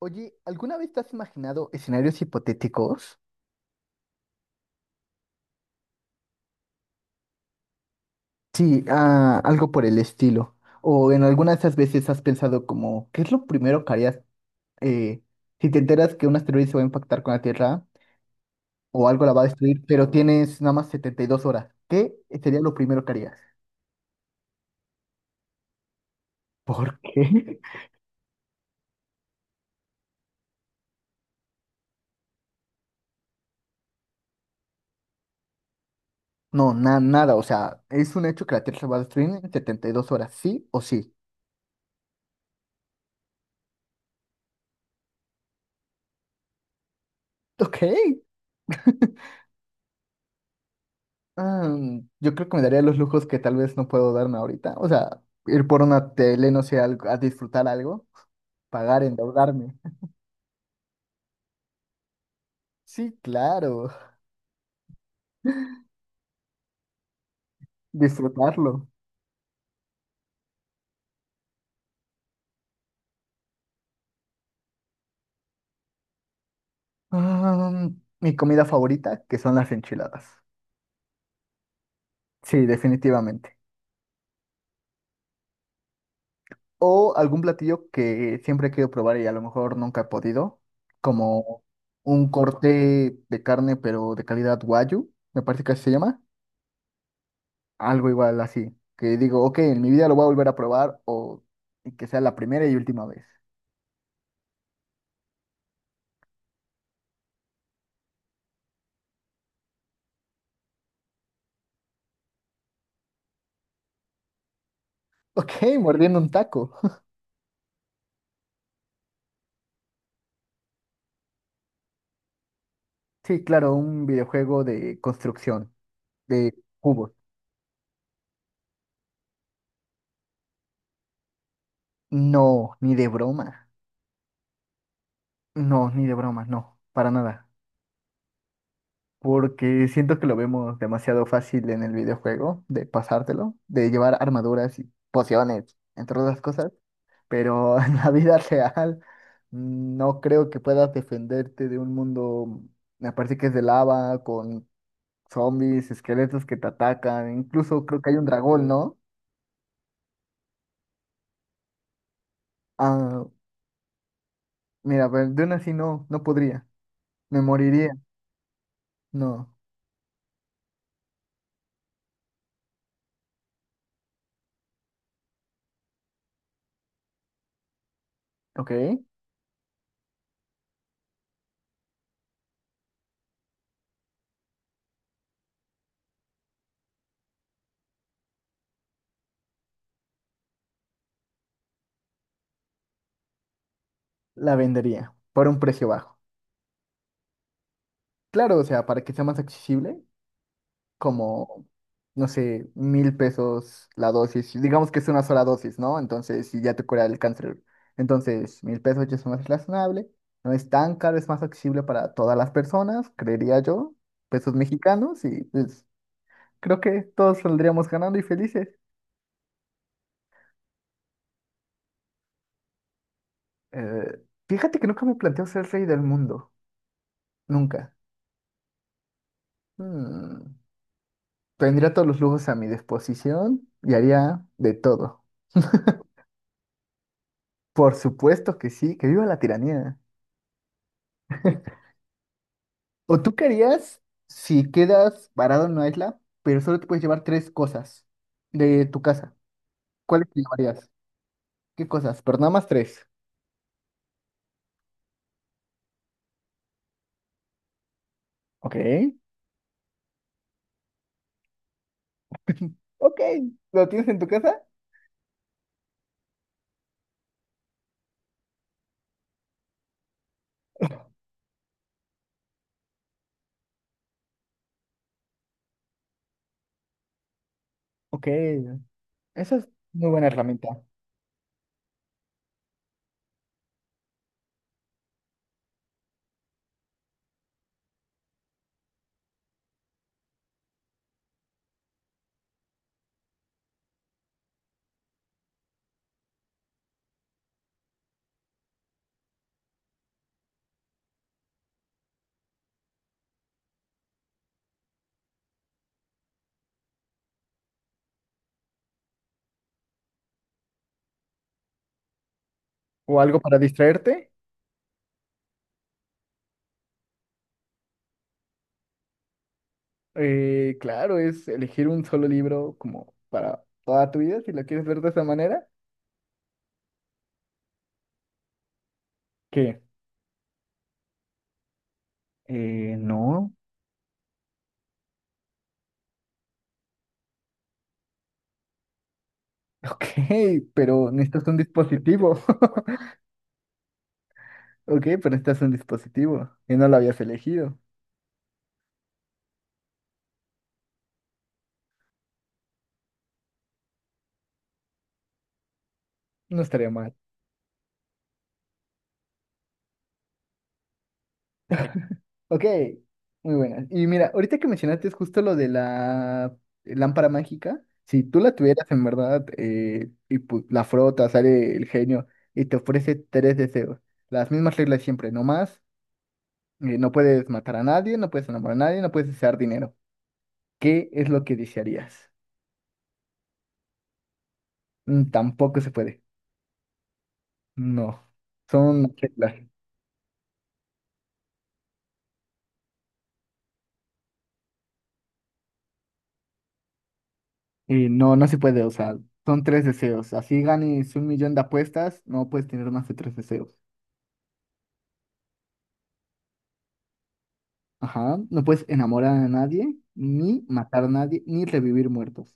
Oye, ¿alguna vez te has imaginado escenarios hipotéticos? Sí, algo por el estilo. O en alguna de esas veces has pensado como, ¿qué es lo primero que harías eh, si te enteras que un asteroide se va a impactar con la Tierra o algo la va a destruir, pero tienes nada más 72 horas? ¿Qué sería lo primero que harías? ¿Por qué? No, nada, o sea, es un hecho que la Tierra se va a destruir en 72 horas, ¿sí o sí? Ok. Ah, yo creo que me daría los lujos que tal vez no puedo darme ahorita. O sea, ir por una tele, no sé, a disfrutar algo, pagar, endeudarme. Sí, claro, disfrutarlo. Ah, Mi comida favorita, que son las enchiladas. Sí, definitivamente. O algún platillo que siempre he querido probar y a lo mejor nunca he podido, como un corte de carne, pero de calidad wagyu, me parece que así se llama. Algo igual así, que digo, ok, en mi vida lo voy a volver a probar o que sea la primera y última vez. Ok, mordiendo un taco. Sí, claro, un videojuego de construcción, de cubos. No, ni de broma. No, ni de broma, no, para nada. Porque siento que lo vemos demasiado fácil en el videojuego, de pasártelo, de llevar armaduras y pociones, entre otras cosas. Pero en la vida real no creo que puedas defenderte de un mundo, me parece que es de lava, con zombies, esqueletos que te atacan, incluso creo que hay un dragón, ¿no? Ah, Mira, pero de una así no, no podría, me moriría, no, ok, la vendería por un precio bajo. Claro, o sea, para que sea más accesible, como, no sé, 1,000 pesos la dosis. Digamos que es una sola dosis, ¿no? Entonces, si ya te cura el cáncer. Entonces, 1,000 pesos ya es más razonable. No es tan caro, es más accesible para todas las personas, creería yo. Pesos mexicanos y pues creo que todos saldríamos ganando y felices. Eh, Fíjate que nunca me planteo ser rey del mundo. Nunca. Mm, Tendría todos los lujos a mi disposición y haría de todo. Por supuesto que sí, que viva la tiranía. ¿O tú querías, si quedas varado en una isla, pero solo te puedes llevar tres cosas de tu casa? ¿Cuáles te llevarías? ¿Qué cosas? Pero nada más tres. Ok. Ok. ¿Lo tienes en tu casa? Ok. Esa es muy buena herramienta. ¿O algo para distraerte? Claro, es elegir un solo libro como para toda tu vida, si lo quieres ver de esa manera. ¿Qué? No. Ok, pero necesitas un dispositivo. Ok, pero este es un dispositivo y no lo habías elegido. No estaría mal. Ok, muy buena. Y mira, ahorita que mencionaste es justo lo de la lámpara mágica. Si tú la tuvieras en verdad y la frotas, sale el genio y te ofrece tres deseos. Las mismas reglas siempre, no más. No puedes matar a nadie, no puedes enamorar a nadie, no puedes desear dinero. ¿Qué es lo que desearías? Mm, tampoco se puede. No, son reglas. Y no, no se puede, o sea, son tres deseos. Así ganes 1 millón de apuestas, no puedes tener más de tres deseos. Ajá, no puedes enamorar a nadie, ni matar a nadie, ni revivir muertos.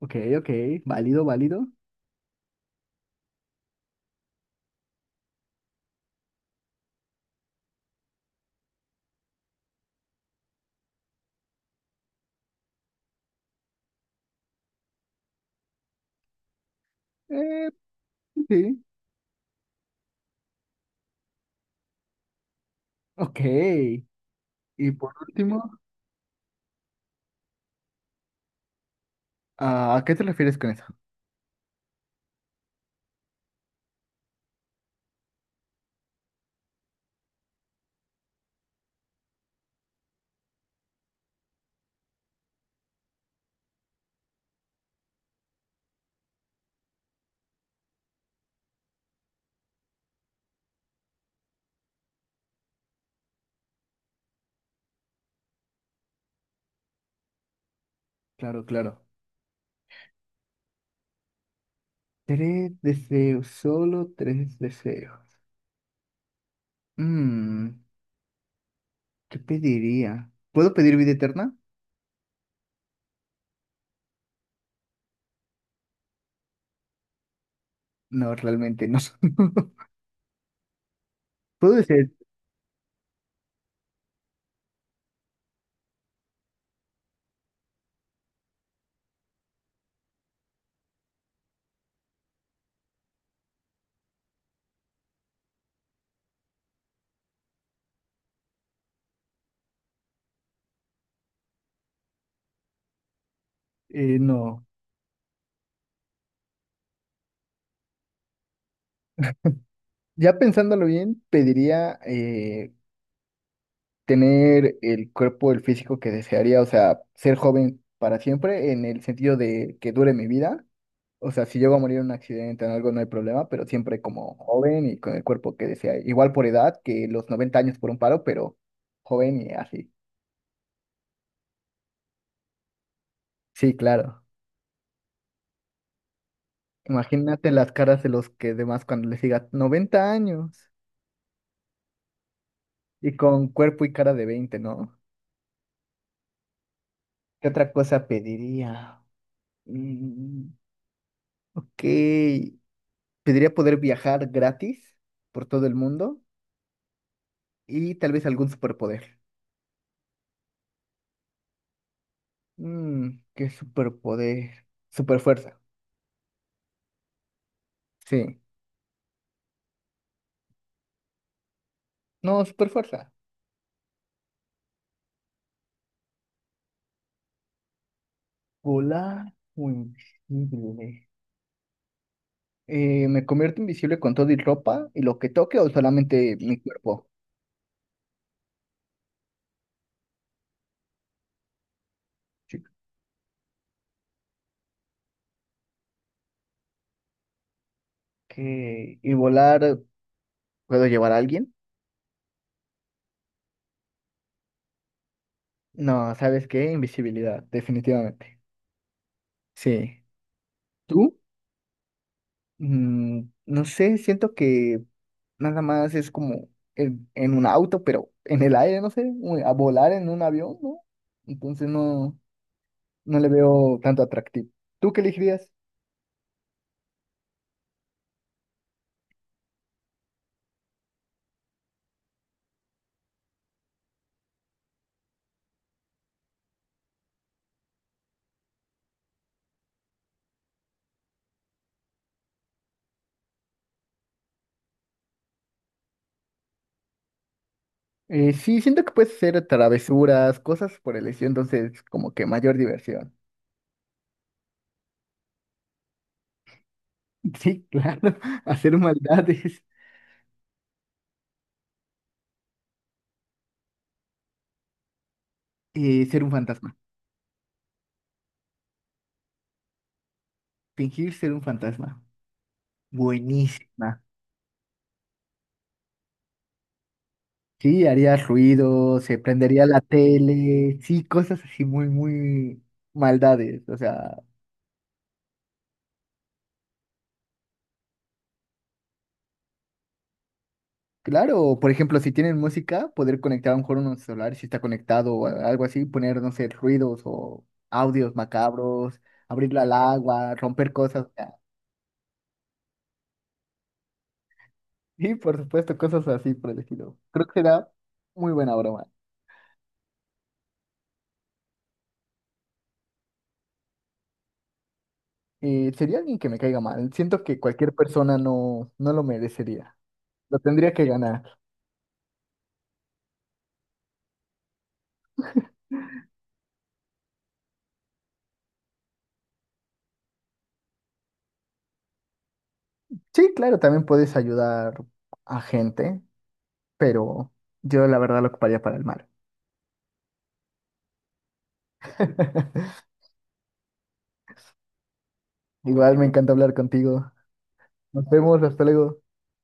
Ok, ok, válido, válido. Eh, sí, ok. Y por último, ¿a qué te refieres con eso? Claro, claro. Tres deseos, solo tres deseos. Mm, ¿Qué pediría? ¿Puedo pedir vida eterna? No, realmente no. ¿Puedo decir, no. Ya pensándolo bien, pediría tener el cuerpo, el físico que desearía, o sea, ser joven para siempre, en el sentido de que dure mi vida. O sea, si llego a morir en un accidente o en algo, no hay problema, pero siempre como joven y con el cuerpo que desea. Igual por edad, que los 90 años por un paro, pero joven y así. Sí, claro. Imagínate las caras de los que demás cuando les diga 90 años y con cuerpo y cara de 20, ¿no? ¿Qué otra cosa pediría? Mm, ok. Pediría poder viajar gratis por todo el mundo y tal vez algún superpoder. ¿Qué superpoder? Superfuerza. Sí. No, superfuerza. Volar o invisible. ¿Me convierto invisible con todo y ropa y lo que toque o solamente mi cuerpo? Sí. ¿Qué? ¿Y volar puedo llevar a alguien? No, ¿sabes qué? Invisibilidad, definitivamente. Sí. ¿Tú? No sé, siento que nada más es como en un auto, pero en el aire, no sé, a volar en un avión, ¿no? Entonces no, no le veo tanto atractivo. ¿Tú qué elegirías? Sí, siento que puedes hacer travesuras, cosas por el estilo, entonces como que mayor diversión. Sí, claro, hacer maldades. Ser un fantasma, fingir ser un fantasma. Buenísima. Sí, haría ruido, se prendería la tele, sí, cosas así muy, muy maldades, o sea, claro, por ejemplo, si tienen música, poder conectar a un mejor un celular, si está conectado o algo así, poner, no sé, ruidos o audios macabros, abrirlo al agua, romper cosas. O sea, sí, por supuesto, cosas así por el estilo. Creo que será muy buena broma. Sería alguien que me caiga mal. Siento que cualquier persona no, no lo merecería. Lo tendría que ganar. Sí, claro, también puedes ayudar a gente, pero yo la verdad lo ocuparía para el mal. Igual me encanta hablar contigo. Nos vemos, hasta luego.